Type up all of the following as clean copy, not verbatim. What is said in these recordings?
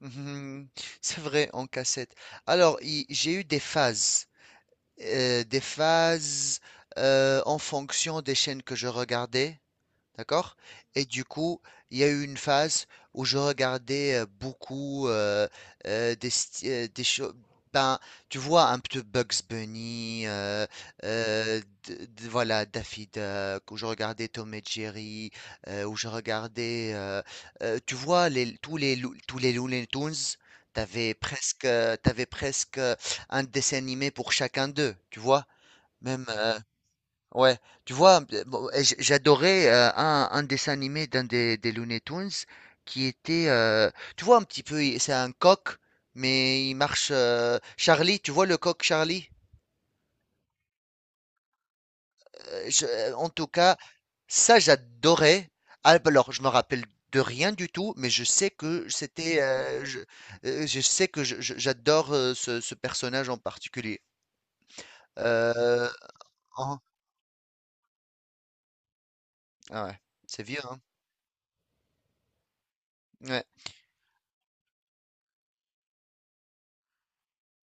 Mhm. C'est vrai, en cassette. Alors, j'ai eu des phases en fonction des chaînes que je regardais. D'accord? Et du coup, il y a eu une phase où je regardais beaucoup des choses. Ben, tu vois, un peu Bugs Bunny, voilà, Daffy Duck, où je regardais Tom et Jerry, où je regardais, tu vois, les, tous les, Lou- tous les Looney Tunes. T'avais presque un dessin animé pour chacun d'eux, tu vois? Même, ouais, tu vois, bon, et j'adorais un dessin animé d'un des Looney Tunes qui était, tu vois, un petit peu, c'est un coq, mais il marche. Charlie, tu vois le coq Charlie? En tout cas, ça j'adorais. Ah, bah alors, je me rappelle de rien du tout, mais je sais que c'était, je sais que j'adore ce personnage en particulier. Euh, en- ah ouais, c'est vieux, hein? Ouais.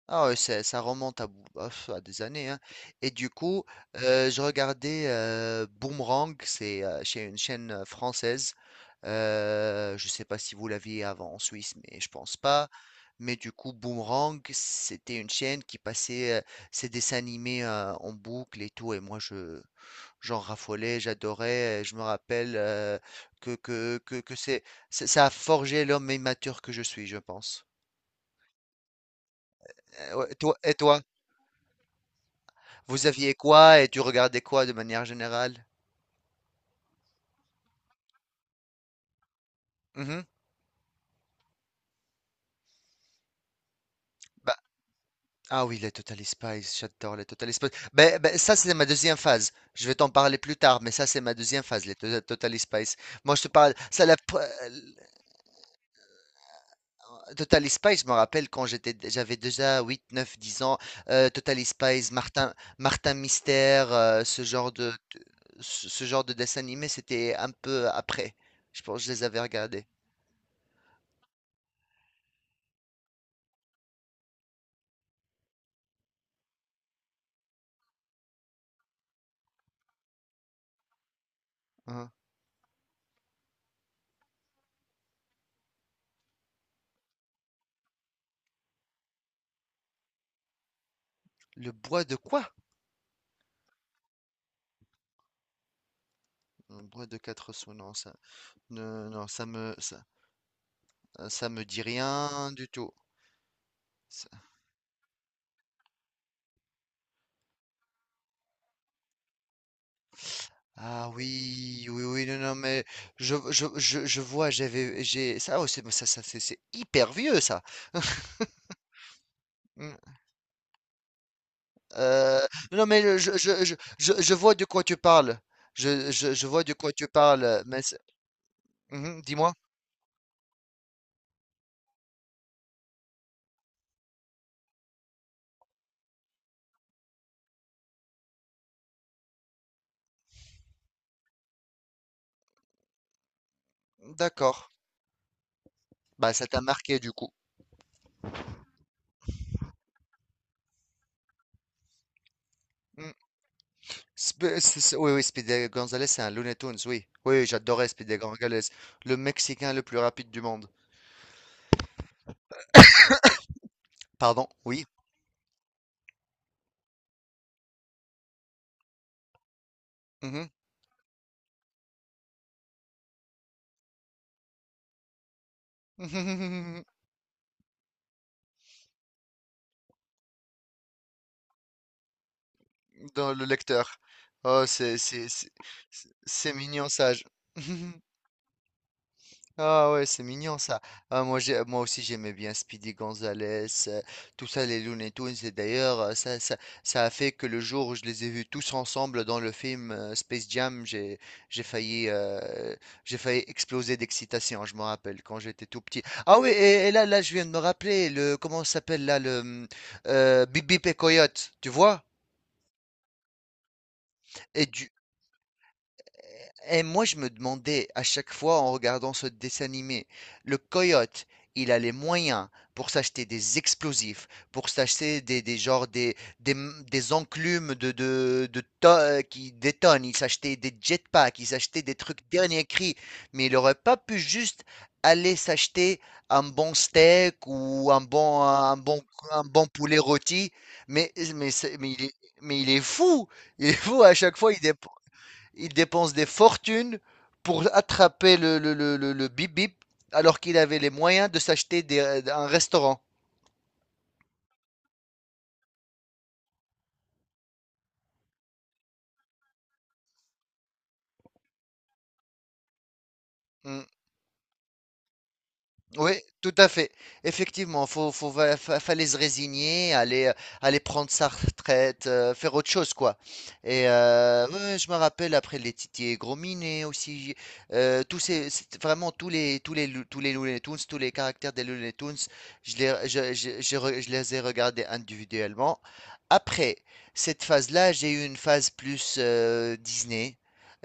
Ah ouais, ça remonte à, à des années, hein. Et du coup, je regardais Boomerang, c'est chez une chaîne française. Je sais pas si vous l'aviez avant en Suisse, mais je pense pas. Mais du coup, Boomerang, c'était une chaîne qui passait ses dessins animés en boucle et tout. Et moi, j'en raffolais, j'adorais. Et je me rappelle que c'est, ça ça a forgé l'homme immature que je suis, je pense. Ouais, toi, et toi? Vous aviez quoi et tu regardais quoi de manière générale? Mhm. Bah, ah oui, les Total Spies, j'adore les Total Spies. Ben, ça, c'est ma deuxième phase. Je vais t'en parler plus tard, mais ça, c'est ma deuxième phase, les Total Spies. Moi, je te parle, ça, Total Spies, je me rappelle quand j'avais déjà 8, 9, 10 ans. Total Spies, Martin, Martin Mystère, ce genre ce genre de dessin animé, c'était un peu après. Je pense que je les avais regardés. Hein. Le bois de quoi? Le bois de quatre sous, non, ça, ne- non, ça me dit rien du tout. Ça- Ah oui, oui, oui, non, non, mais je vois, j'avais, j'ai, ça, oh, c'est, ça, c'est hyper vieux, ça. Mm, euh, non, mais je vois de quoi tu parles. Je vois de quoi tu parles. Mhm, dis-moi. D'accord. Bah, ça t'a marqué du coup. Hmm. Oui, oui, Speedy Gonzalez, c'est un Looney Tunes, oui. Oui, oui, j'adorais Speedy Gonzalez, le Mexicain le plus rapide du monde. Pardon, oui. Mhm. Dans le lecteur. Oh, c'est mignon, sage. Ah ouais, c'est mignon ça. Ah, moi aussi j'aimais bien Speedy Gonzales, euh, tout ça, les Looney Tunes. Et d'ailleurs, ça a fait que le jour où je les ai vus tous ensemble dans le film Space Jam, j'ai failli, euh, j'ai failli exploser d'excitation. Je me rappelle quand j'étais tout petit. Ah oui, et là, je viens de me rappeler le, comment ça s'appelle là, le, Bip Bip et Coyote, tu vois? Et du, Et moi, je me demandais à chaque fois en regardant ce dessin animé, le coyote, il a les moyens pour s'acheter des explosifs, pour s'acheter des genres des enclumes de qui détonnent, il s'achetait des jetpacks, il s'achetait des trucs dernier cri, mais il aurait pas pu juste aller s'acheter un bon steak ou un bon poulet rôti, mais, mais, c'est- mais, il est, mais il est fou à chaque fois, il dépense des fortunes pour attraper le bip bip alors qu'il avait les moyens de s'acheter un restaurant. Hmm. Oui, tout à fait. Effectivement, fallait se résigner, aller prendre sa retraite, faire autre chose, quoi. Et ouais, je me rappelle après les Titi et Gros Minet aussi, c'est vraiment tous les Looney Tunes, tous les caractères des Looney Tunes, je les, je re- je les ai regardés individuellement. Après cette phase-là, j'ai eu une phase plus Disney.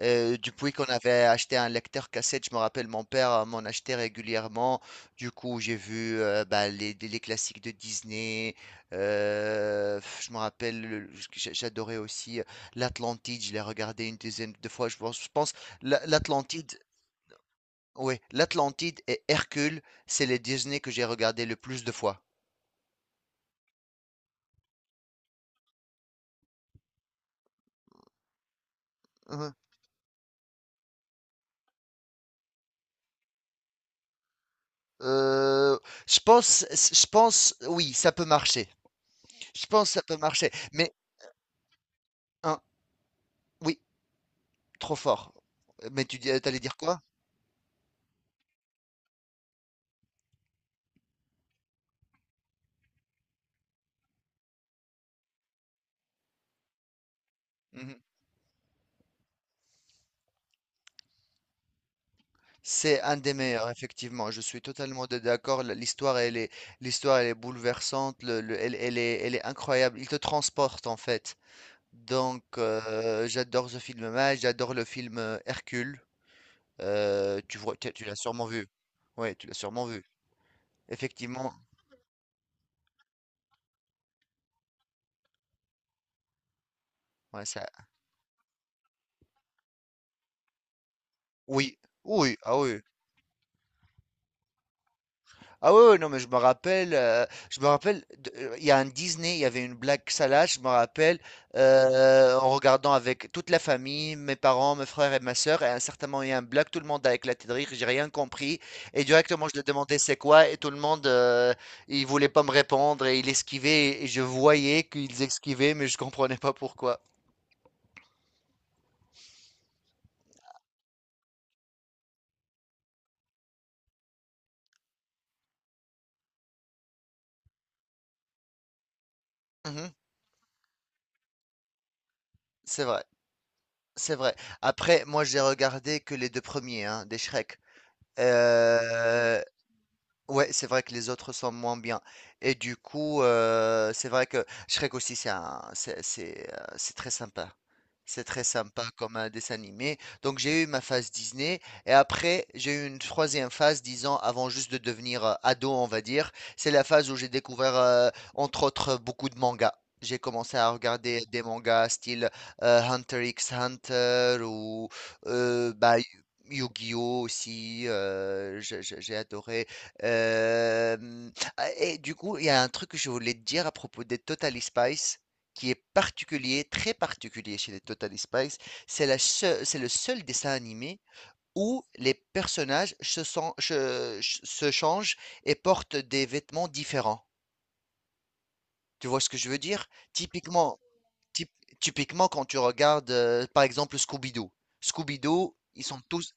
Depuis qu'on avait acheté un lecteur cassette, je me rappelle, mon père m'en achetait régulièrement. Du coup, j'ai vu bah, les classiques de Disney. Je me rappelle, j'adorais aussi l'Atlantide. Je l'ai regardé une dizaine de fois. Je pense l'Atlantide, ouais, l'Atlantide et Hercule, c'est les Disney que j'ai regardé le plus de fois. Hein. Euh, je pense, oui, ça peut marcher. Je pense que ça peut marcher. Mais hein, oui. Trop fort. Mais t'allais dire quoi? Mhm. C'est un des meilleurs, effectivement. Je suis totalement d'accord. L'histoire, elle est bouleversante. Elle est incroyable. Il te transporte, en fait. Donc, j'adore ce film-là. J'adore le film Hercule. Tu vois, tu l'as sûrement vu. Oui, tu l'as sûrement vu. Effectivement, ouais, c'est oui, oui, ah oui. Ah ouais, ouais, non, mais je me rappelle, de- il y a un Disney, il y avait une blague salace, je me rappelle, en regardant avec toute la famille, mes parents, mes frères et ma sœur, et à un certain moment, il y a un blague, tout le monde a éclaté de rire, j'ai rien compris, et directement, je lui ai demandé c'est quoi, et tout le monde, il voulait pas me répondre, et il esquivait, et je voyais qu'ils esquivaient, mais je comprenais pas pourquoi. Mhm, c'est vrai, c'est vrai. Après, moi j'ai regardé que les deux premiers, hein, des Shrek. Euh, Ouais, c'est vrai que les autres sont moins bien. Et du coup, c'est vrai que Shrek aussi, c'est très sympa. C'est très sympa comme un dessin animé. Donc j'ai eu ma phase Disney et après j'ai eu une troisième phase, 10 ans avant juste de devenir ado, on va dire. C'est la phase où j'ai découvert, entre autres, beaucoup de mangas. J'ai commencé à regarder des mangas style Hunter x Hunter ou bah, Yu-Gi-Oh aussi. J'ai adoré. Ah et du coup, il y a un truc que je voulais te dire à propos des Totally Spice qui est particulier, très particulier chez les Totally Spice. C'est le seul dessin animé où les personnages se, sen- se se changent et portent des vêtements différents. Tu vois ce que je veux dire? Typiquement, typ- typiquement quand tu regardes, par exemple, Scooby-Doo. Scooby-Doo, ils sont tous.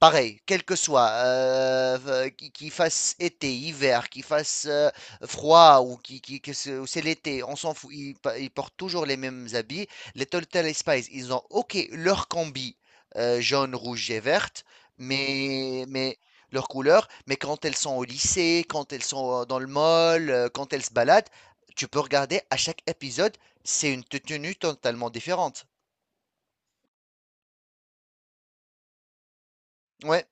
Pareil, quel que soit, qu'il fasse été, hiver, qu'il fasse, froid ou qui, qu'il que c'est ou c'est l'été, on s'en fout, ils portent toujours les mêmes habits. Les Total Spice, ils ont OK leur combi, jaune, rouge et verte, mais leurs couleurs, mais quand elles sont au lycée, quand elles sont, dans le mall, quand elles se baladent, tu peux regarder à chaque épisode, c'est une tenue totalement différente. Ouais.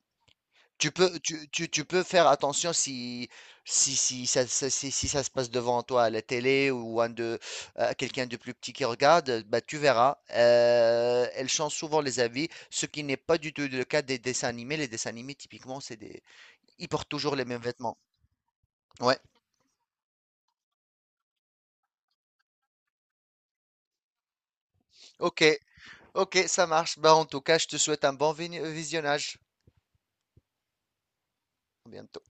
Tu peux faire attention si, si ça se passe devant toi à la télé ou quelqu'un de plus petit qui regarde, bah, tu verras. Elle change souvent les avis, ce qui n'est pas du tout le cas des dessins animés. Les dessins animés, typiquement, c'est des. Ils portent toujours les mêmes vêtements. Ouais, ok, ok, ça marche. Bah, en tout cas, je te souhaite un bon visionnage. À bientôt.